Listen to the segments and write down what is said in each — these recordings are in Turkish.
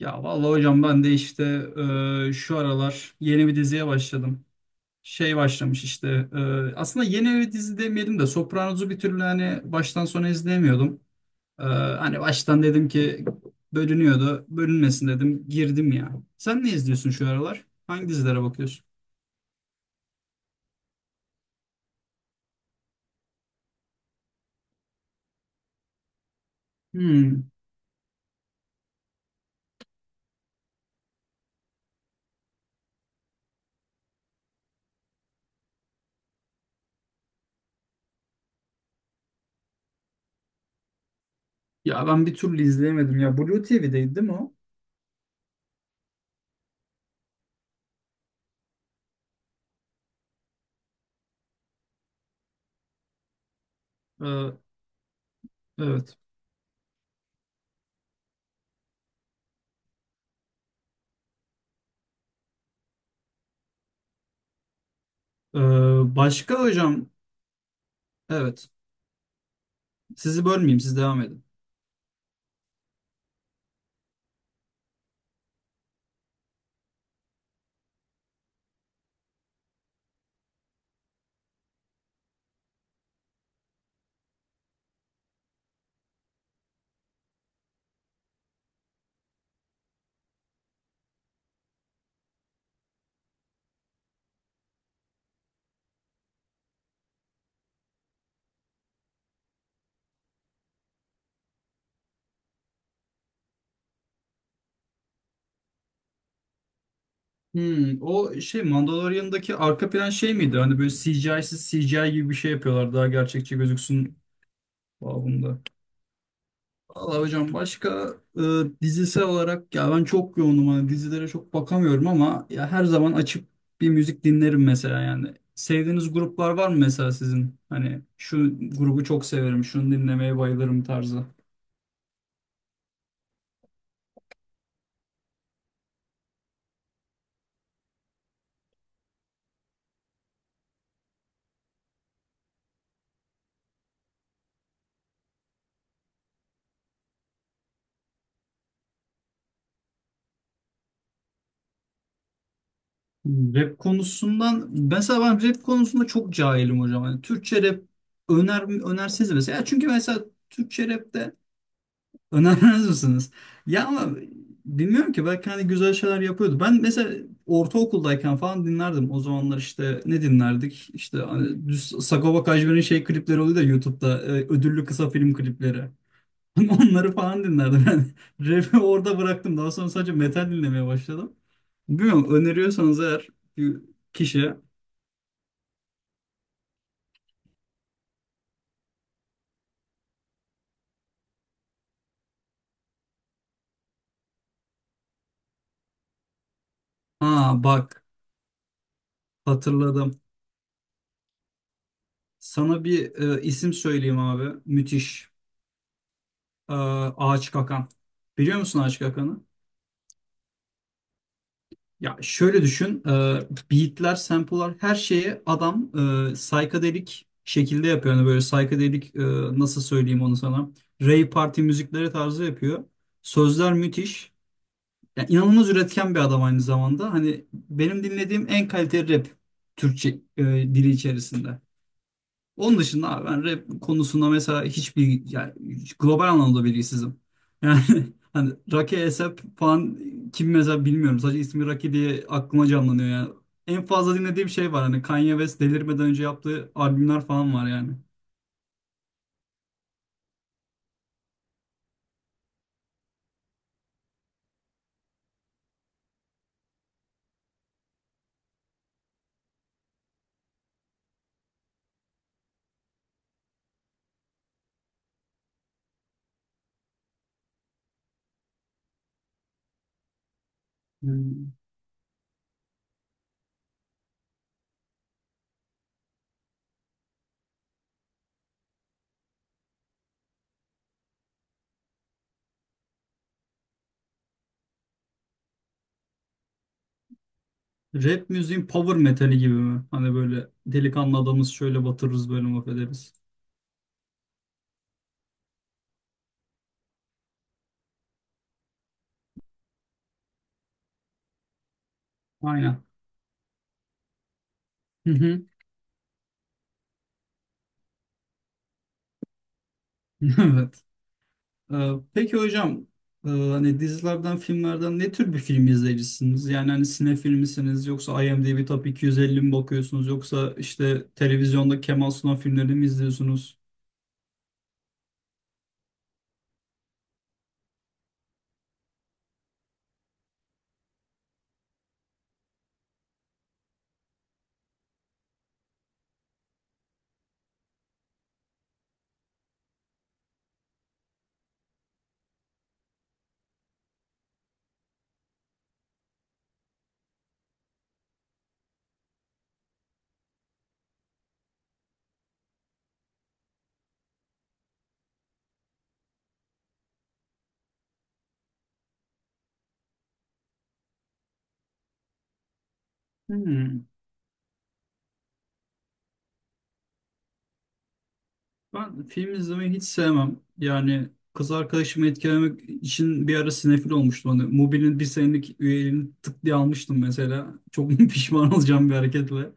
Ya vallahi hocam ben de işte şu aralar yeni bir diziye başladım. Şey başlamış işte e, aslında yeni bir dizi demeyelim de Sopranos'u bir türlü hani baştan sona izleyemiyordum. E, hani baştan dedim ki bölünüyordu bölünmesin dedim girdim ya. Sen ne izliyorsun şu aralar? Hangi dizilere bakıyorsun? Hmm. Ya ben bir türlü izleyemedim ya. Blue TV'deydi değil mi o? E, evet. E, başka hocam, evet, sizi bölmeyeyim, siz devam edin. Hmm, o şey Mandalorian'daki arka plan şey miydi? Hani böyle CGI'siz CGI gibi bir şey yapıyorlar daha gerçekçi gözüksün babında. Valla hocam başka dizisel olarak ya ben çok yoğunum hani dizilere çok bakamıyorum ama ya her zaman açıp bir müzik dinlerim mesela yani. Sevdiğiniz gruplar var mı mesela sizin? Hani şu grubu çok severim, şunu dinlemeye bayılırım tarzı. Rap konusundan mesela ben rap konusunda çok cahilim hocam. Yani Türkçe rap öner önerseniz mesela. Ya çünkü mesela Türkçe rapte önermez misiniz? Ya ama bilmiyorum ki belki hani güzel şeyler yapıyordu. Ben mesela ortaokuldayken falan dinlerdim. O zamanlar işte ne dinlerdik? İşte hani düz Sagopa Kajmer'in şey klipleri oluyor da YouTube'da ödüllü kısa film klipleri. Onları falan dinlerdim ben. Rap'i orada bıraktım. Daha sonra sadece metal dinlemeye başladım. Bilmiyorum öneriyorsanız eğer bir kişi. Ha bak hatırladım. Sana bir isim söyleyeyim abi. Müthiş. E, Ağaç Kakan. Biliyor musun Ağaç Kakan'ı? Ya şöyle düşün. E, beatler, sample'lar her şeyi adam psychedelic şekilde yapıyor. Yani böyle psychedelic nasıl söyleyeyim onu sana. Rave party müzikleri tarzı yapıyor. Sözler müthiş. Yani inanılmaz üretken bir adam aynı zamanda. Hani benim dinlediğim en kaliteli rap Türkçe dili içerisinde. Onun dışında abi ben rap konusunda mesela hiçbir yani global anlamda bilgisizim. Yani hani Raki Esep falan kim mesela bilmiyorum. Sadece ismi Raki diye aklıma canlanıyor yani. En fazla dinlediğim şey var hani Kanye West delirmeden önce yaptığı albümler falan var yani. Hmm. Rap müziğin power metali gibi mi? Hani böyle delikanlı adamız şöyle batırırız böyle mahvederiz. Aynen. Hı hı. Evet. Peki hocam, hani dizilerden, filmlerden ne tür bir film izleyicisiniz? Yani hani sinefil misiniz yoksa IMDb Top 250 mi bakıyorsunuz yoksa işte televizyonda Kemal Sunal filmlerini mi izliyorsunuz? Hmm. Ben film izlemeyi hiç sevmem. Yani kız arkadaşımı etkilemek için bir ara sinefil olmuştum. Hani Mubi'nin bir senelik üyeliğini tık diye almıştım mesela. Çok pişman olacağım bir hareketle.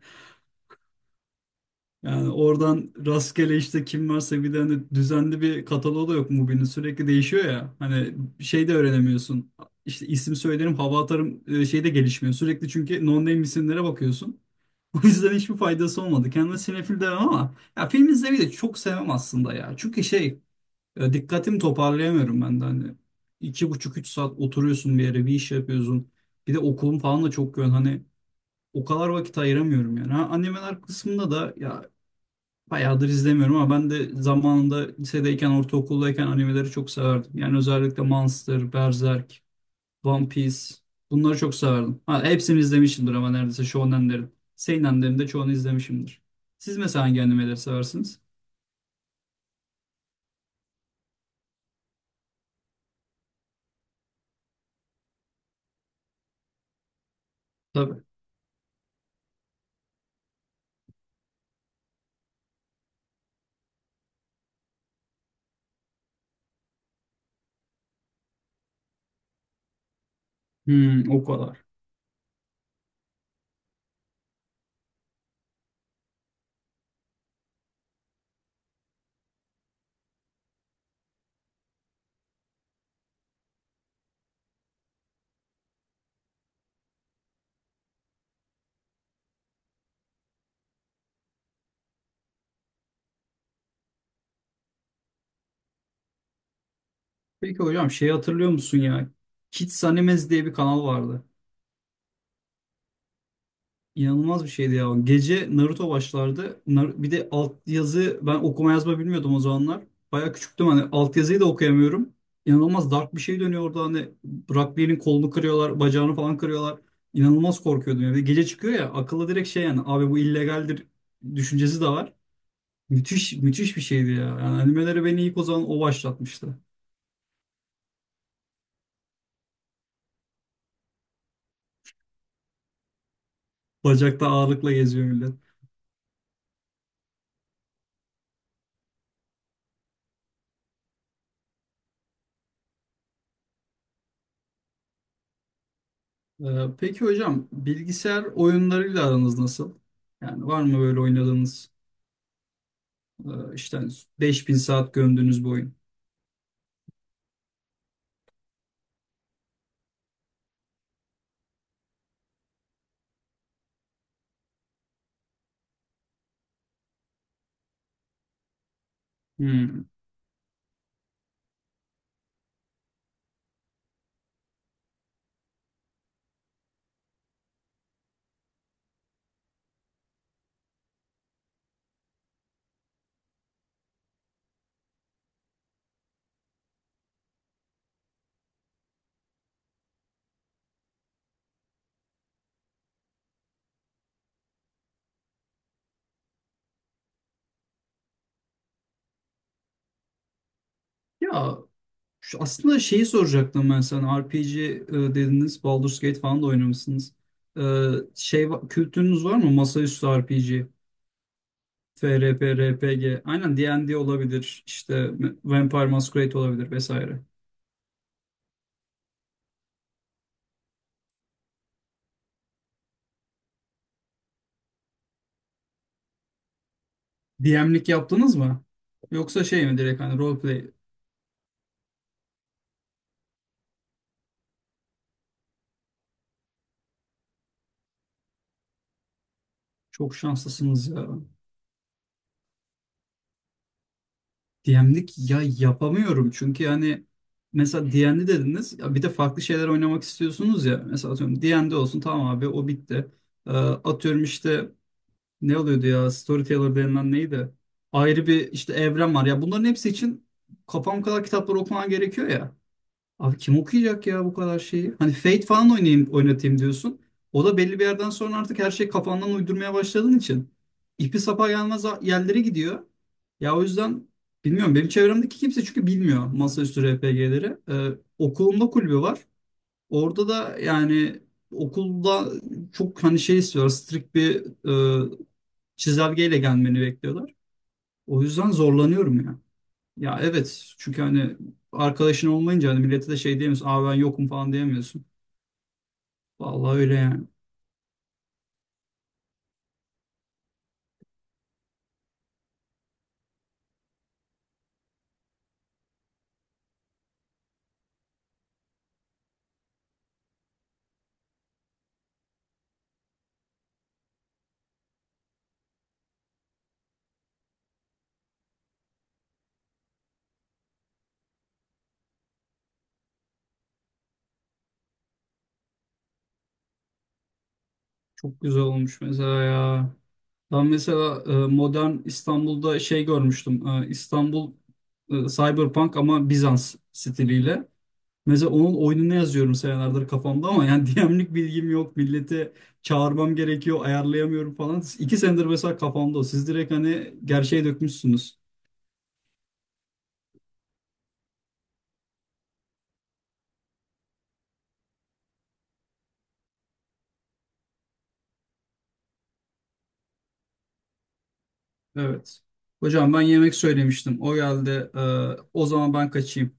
Yani oradan rastgele işte kim varsa bir de hani düzenli bir kataloğu da yok Mubi'nin sürekli değişiyor ya. Hani şey de öğrenemiyorsun. İşte isim söylerim, hava atarım şey de gelişmiyor. Sürekli çünkü non-name isimlere bakıyorsun. O yüzden hiçbir faydası olmadı. Kendime sinefil demem ama ya film izlemeyi de çok sevmem aslında ya. Çünkü şey dikkatimi toparlayamıyorum ben de hani. 2,5-3 saat oturuyorsun bir yere bir iş yapıyorsun. Bir de okulum falan da çok yoğun. Hani o kadar vakit ayıramıyorum yani. Ha, animeler kısmında da ya bayağıdır izlemiyorum ama ben de zamanında lisedeyken, ortaokuldayken animeleri çok severdim. Yani özellikle Monster, Berserk, One Piece bunları çok severdim. Ha, hepsini izlemişimdir ama neredeyse shonenlerin. Seinenlerin de çoğunu izlemişimdir. Siz mesela hangi animeleri seversiniz? Tabii. Hmm, o kadar. Peki hocam şey hatırlıyor musun ya? Kids Animes diye bir kanal vardı. İnanılmaz bir şeydi ya. Gece Naruto başlardı. Bir de altyazı, ben okuma yazma bilmiyordum o zamanlar. Bayağı küçüktüm hani altyazıyı da okuyamıyorum. İnanılmaz dark bir şey dönüyor orada hani Rock Lee'nin kolunu kırıyorlar, bacağını falan kırıyorlar. İnanılmaz korkuyordum. Yani bir de gece çıkıyor ya akıllı direkt şey yani abi bu illegaldir düşüncesi de var. Müthiş müthiş bir şeydi ya. Yani animeleri beni ilk o zaman o başlatmıştı. Bacakta ağırlıkla geziyor millet. Peki hocam bilgisayar oyunlarıyla aranız nasıl? Yani var mı böyle oynadığınız İşte 5.000 saat gömdüğünüz bir oyun? Hmm. Ya aslında şeyi soracaktım ben sana. RPG dediniz. Baldur's Gate falan da oynamışsınız. Ee, Şey, kültürünüz var mı? Masaüstü RPG, FRP, RPG. Aynen D&D olabilir. İşte Vampire Masquerade olabilir vesaire. DM'lik yaptınız mı? Yoksa şey mi direkt hani roleplay? Çok şanslısınız ya. DM'lik ya yapamıyorum çünkü yani mesela D&D dediniz ya bir de farklı şeyler oynamak istiyorsunuz ya mesela atıyorum D&D olsun tamam abi o bitti. Atıyorum işte ne oluyordu ya, Storyteller denilen neydi? Ayrı bir işte evren var ya bunların hepsi için kafam kadar kitapları okuman gerekiyor ya. Abi kim okuyacak ya bu kadar şeyi? Hani Fate falan oynayayım, oynatayım diyorsun. O da belli bir yerden sonra artık her şey kafandan uydurmaya başladığın için ipi sapa gelmez yerlere gidiyor. Ya o yüzden bilmiyorum benim çevremdeki kimse çünkü bilmiyor masaüstü RPG'leri. Okulumda kulübü var. Orada da yani okulda çok hani şey istiyorlar strict bir e, çizelgeyle gelmeni bekliyorlar. O yüzden zorlanıyorum ya. Ya evet çünkü hani arkadaşın olmayınca hani millete de şey diyemiyorsun. Aa ben yokum falan diyemiyorsun. Vallahi öyle yani. Çok güzel olmuş mesela ya. Ben mesela modern İstanbul'da şey görmüştüm. İstanbul Cyberpunk ama Bizans stiliyle. Mesela onun oyununu yazıyorum senelerdir kafamda ama yani DM'lik bilgim yok. Milleti çağırmam gerekiyor, ayarlayamıyorum falan. 2 senedir mesela kafamda o. Siz direkt hani gerçeğe dökmüşsünüz. Evet. Hocam ben yemek söylemiştim. O geldi. O zaman ben kaçayım.